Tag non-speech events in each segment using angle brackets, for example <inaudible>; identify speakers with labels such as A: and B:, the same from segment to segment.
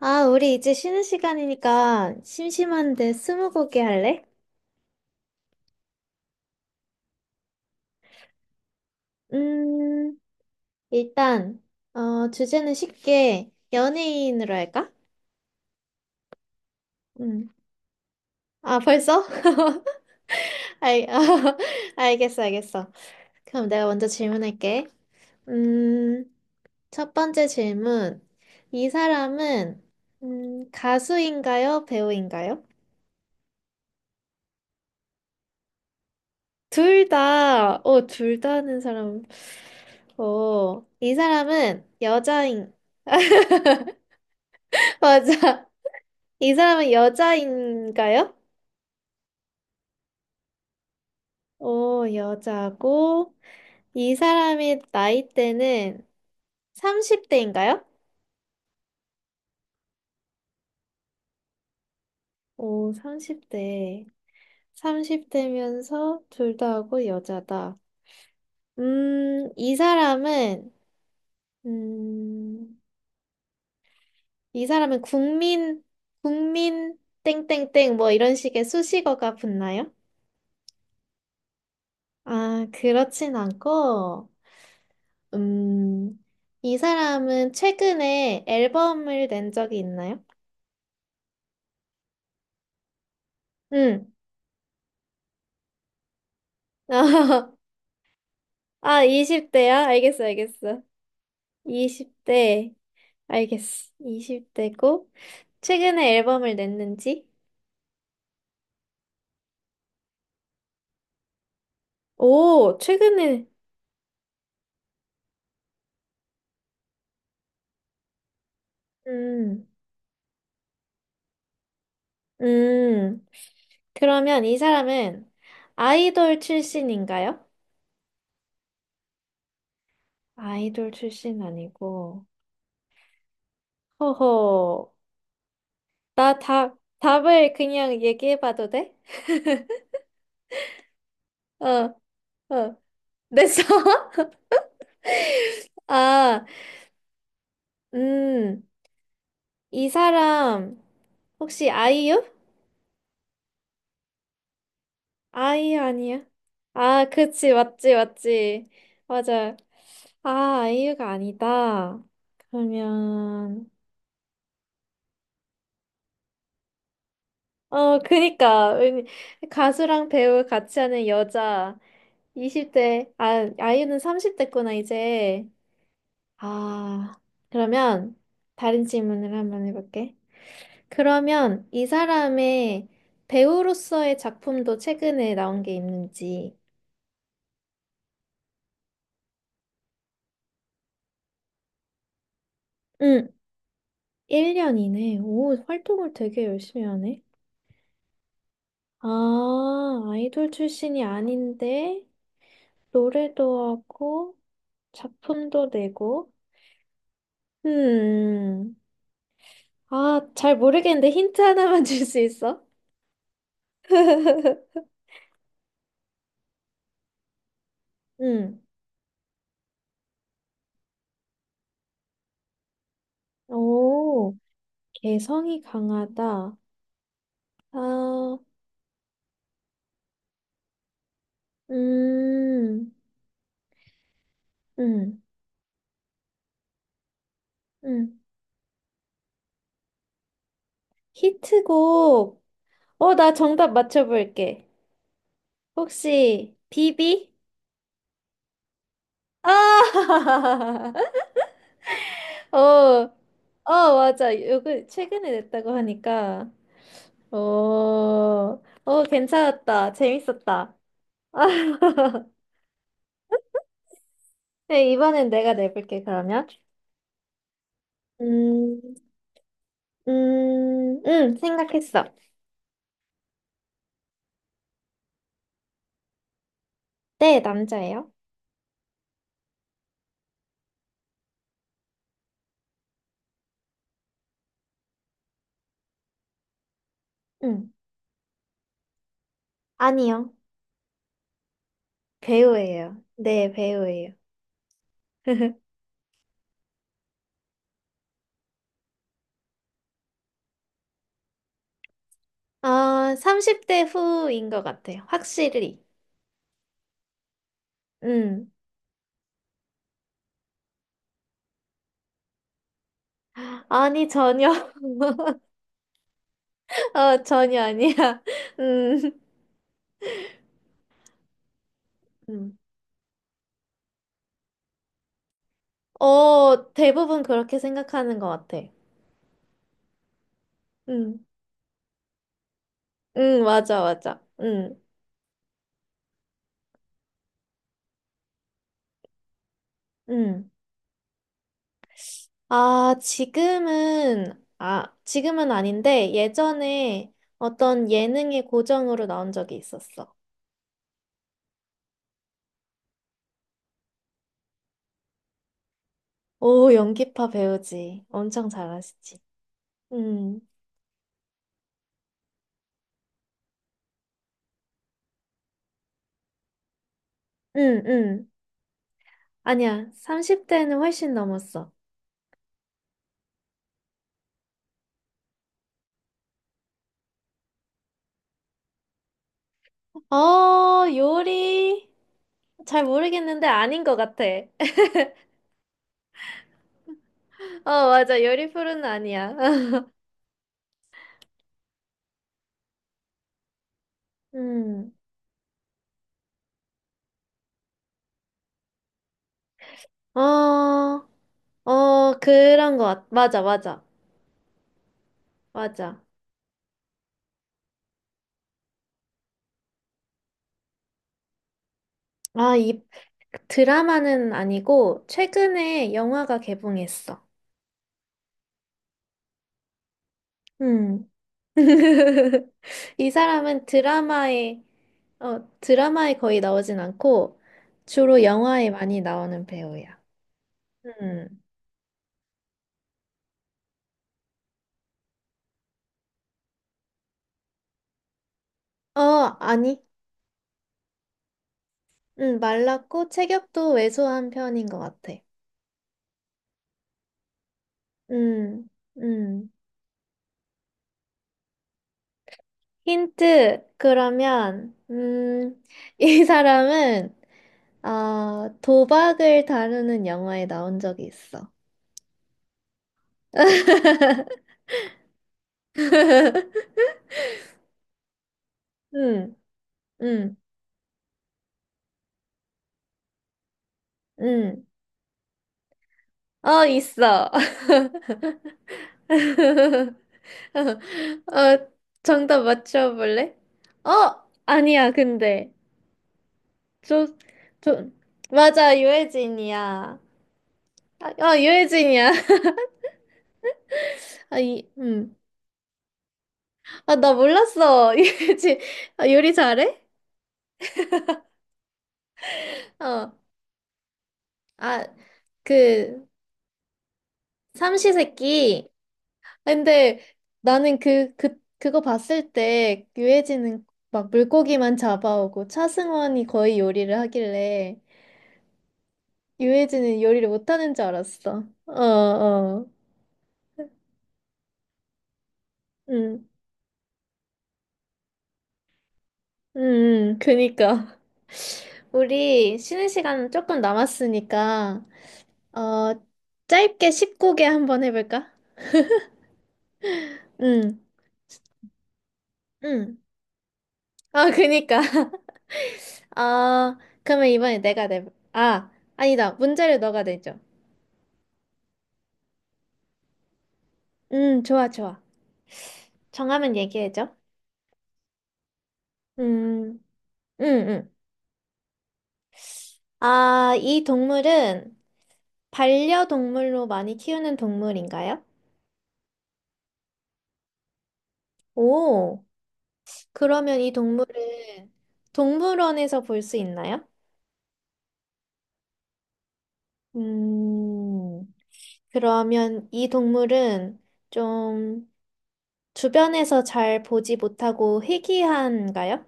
A: 아, 우리 이제 쉬는 시간이니까 심심한데 스무고개 할래? 음, 일단, 주제는 쉽게 연예인으로 할까? 음. 아, 벌써? <laughs> 알, <laughs> 알겠어, 알겠어. 그럼 내가 먼저 질문할게. 음, 첫 번째 질문. 이 사람은, 가수인가요, 배우인가요? 둘 다, 어, 둘 다 하는 사람. 오, 이 사람은 <laughs> 맞아. 이 사람은 여자인가요? 오, 여자고. 이 사람의 나이대는 30대인가요? 오, 30대. 30대면서 둘 다 하고 여자다. 음, 이 사람은, 음, 이 사람은 국민, 국민, 땡땡땡, 뭐 이런 식의 수식어가 붙나요? 아, 그렇진 않고, 음, 이 사람은 최근에 앨범을 낸 적이 있나요? 응. <laughs> 아, 20대야? 알겠어, 알겠어. 20대. 알겠어. 20대고, 최근에 앨범을 냈는지? 오, 최근에. 음, 음. 그러면 이 사람은 아이돌 출신인가요? 아이돌 출신 아니고. 허허. 나 다, 답을 그냥 얘기해봐도 돼? 어. 어. 냈어? <laughs> 아, 음, 이 사람, 혹시 아이유? 아이유 아니야? 아, 그치, 맞지, 맞지. 맞아. 아, 아이유가 아니다. 그러면, 어, 그니까. 가수랑 배우 같이 하는 여자. 20대, 아, 아이유는 30대구나, 이제. 아, 그러면, 다른 질문을 한번 해볼게. 그러면 이 사람의 배우로서의 작품도 최근에 나온 게 있는지. 응, 1년이네. 오, 활동을 되게 열심히 하네. 아, 아이돌 출신이 아닌데, 노래도 하고, 작품도 내고. 음, 아, 잘 모르겠는데 힌트 하나만 <laughs> 줄 수 있어? <laughs> 응. 오, 개성이 강하다. 아, 음, 음, 음. 히트곡. 어, 나 정답 맞춰볼게. 혹시, 비비? 아! <laughs> 어, 어, 맞아. 요거 최근에 냈다고 하니까. 어, 어, 괜찮았다. 재밌었다. <laughs> 네, 이번엔 내가 내볼게, 그러면. 음, 생각했어. 네, 남자예요. 음, 아니요. 배우예요. 네, 배우예요. <laughs> 아, 30대 후인 것 같아요. 확실히. 음. 아니, 전혀. <laughs> 어, 전혀 아니야. <laughs> 음. 음. 어, 대부분 그렇게 생각하는 것 같아. 음. 맞아, 맞아. 음. 음. 아, 지금은, 아, 지금은 아닌데, 예전에 어떤 예능의 고정으로 나온 적이 있었어. 오, 연기파 배우지. 엄청 잘하시지. 음. 음, 음. 아니야, 30대는 훨씬 넘었어. 어, 요리? 잘 모르겠는데 아닌 것 같아. <laughs> 어, 맞아. 요리 프로는 아니야. <laughs> 음, 어, 어, 그런 것 같, 맞아, 맞아, 맞아. 아, 이 드라마는 아니고, 최근에 영화가 개봉했어. 음. <laughs> 이 사람은 드라마에, 어, 드라마에 거의 나오진 않고, 주로 영화에 많이 나오는 배우야. 음. 어, 아니. 말랐고 체격도 왜소한 편인 것 같아. 음, 음. 힌트, 그러면, <laughs> 이 사람은, 어, 도박을 다루는 영화에 나온 적이 있어. <laughs> 음, 음, 음. 어, 있어. <laughs> 어, 정답 맞춰볼래? 어, 아니야, 근데. 조, 조, 맞아, 유해진이야. 아, 아, 유해진이야. <laughs> 아, 이, 음. 아, 나 몰랐어. <laughs> 유해진. 아, 요리 잘해? 어. 아, 그, 삼시세끼. 근데 나는 그거 봤을 때 유해진은 막 물고기만 잡아오고 차승원이 거의 요리를 하길래 유해진은 요리를 못하는 줄 알았어. 어, 어. 음. 그니까. <laughs> 우리 쉬는 시간 조금 남았으니까, 어, 짧게 19개 한번 해볼까? 응, 응. 아, 그니까. <laughs> 아, 그러면 이번에 내가 내, 아, 아니다. 문제를 너가 내줘. 좋아, 좋아. 정하면 얘기해줘. 음, 응, 응. 아, 이 동물은 반려동물로 많이 키우는 동물인가요? 오, 그러면 이 동물은 동물원에서 볼 수 있나요? 음, 그러면 이 동물은 좀 주변에서 잘 보지 못하고 희귀한가요?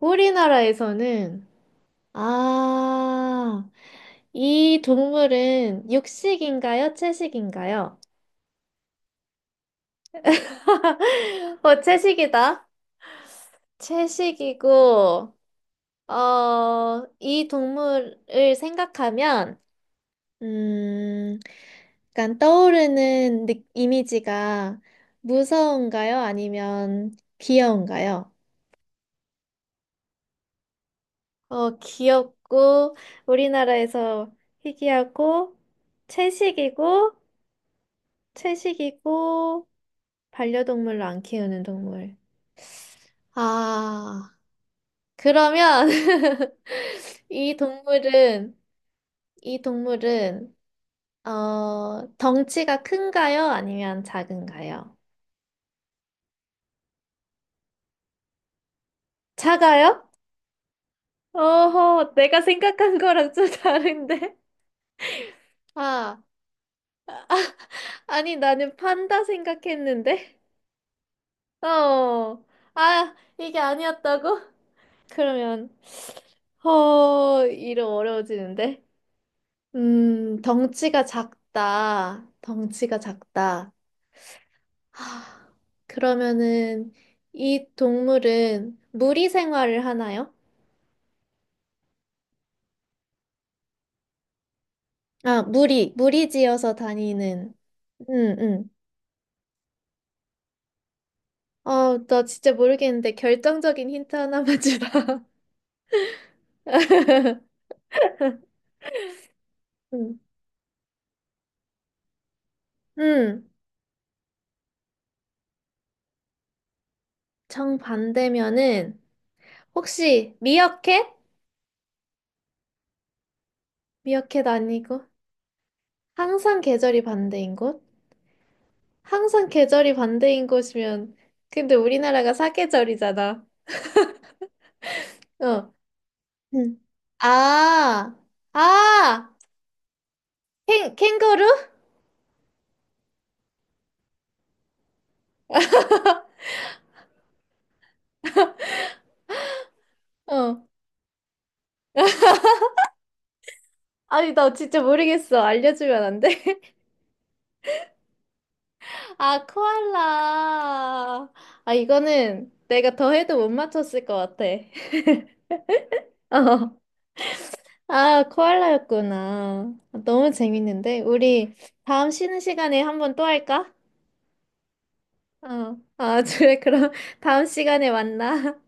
A: 우리나라에서는, 아, 이 동물은 육식인가요, 채식인가요? <laughs> 어, 채식이다. 채식이고, 이 동물을 생각하면 음, 약간 떠오르는 이미지가 무서운가요, 아니면 귀여운가요? 어, 귀엽고, 우리나라에서 희귀하고, 채식이고, 채식이고, 반려동물로 안 키우는 동물. 아, 그러면 <laughs> 이 동물은, 이 동물은, 어, 덩치가 큰가요, 아니면 작은가요? 작아요? 어허, 내가 생각한 거랑 좀 <laughs> 다른데? 아, 아니, 나는 판다 생각했는데? 어, 아, 이게 아니었다고? 그러면, 어, 이름 어려워지는데? 덩치가 작다. 덩치가 작다. 하, 그러면은, 이 동물은 무리 생활을 하나요? 아, 무리지어서 다니는. 응, 응. 아, 나 진짜 모르겠는데 결정적인 힌트 하나만 주라. <laughs> 음. 음. 정반대면은 혹시 미어캣? 미어캣 아니고 항상 계절이 반대인 곳? 항상 계절이 반대인 곳이면 근데 우리나라가 사계절이잖아. 어. 음. 아. 아! 캥 캥거루? 어. 아니, 나 진짜 모르겠어. 알려주면 안 돼? <laughs> 아, 코알라. 아, 이거는 내가 더 해도 못 맞췄을 것 같아. <laughs> 어, 아, 코알라였구나. 아, 너무 재밌는데? 우리 다음 쉬는 시간에 한번 또 할까? 어, 아, <laughs> 그래, 그럼 다음 시간에 만나.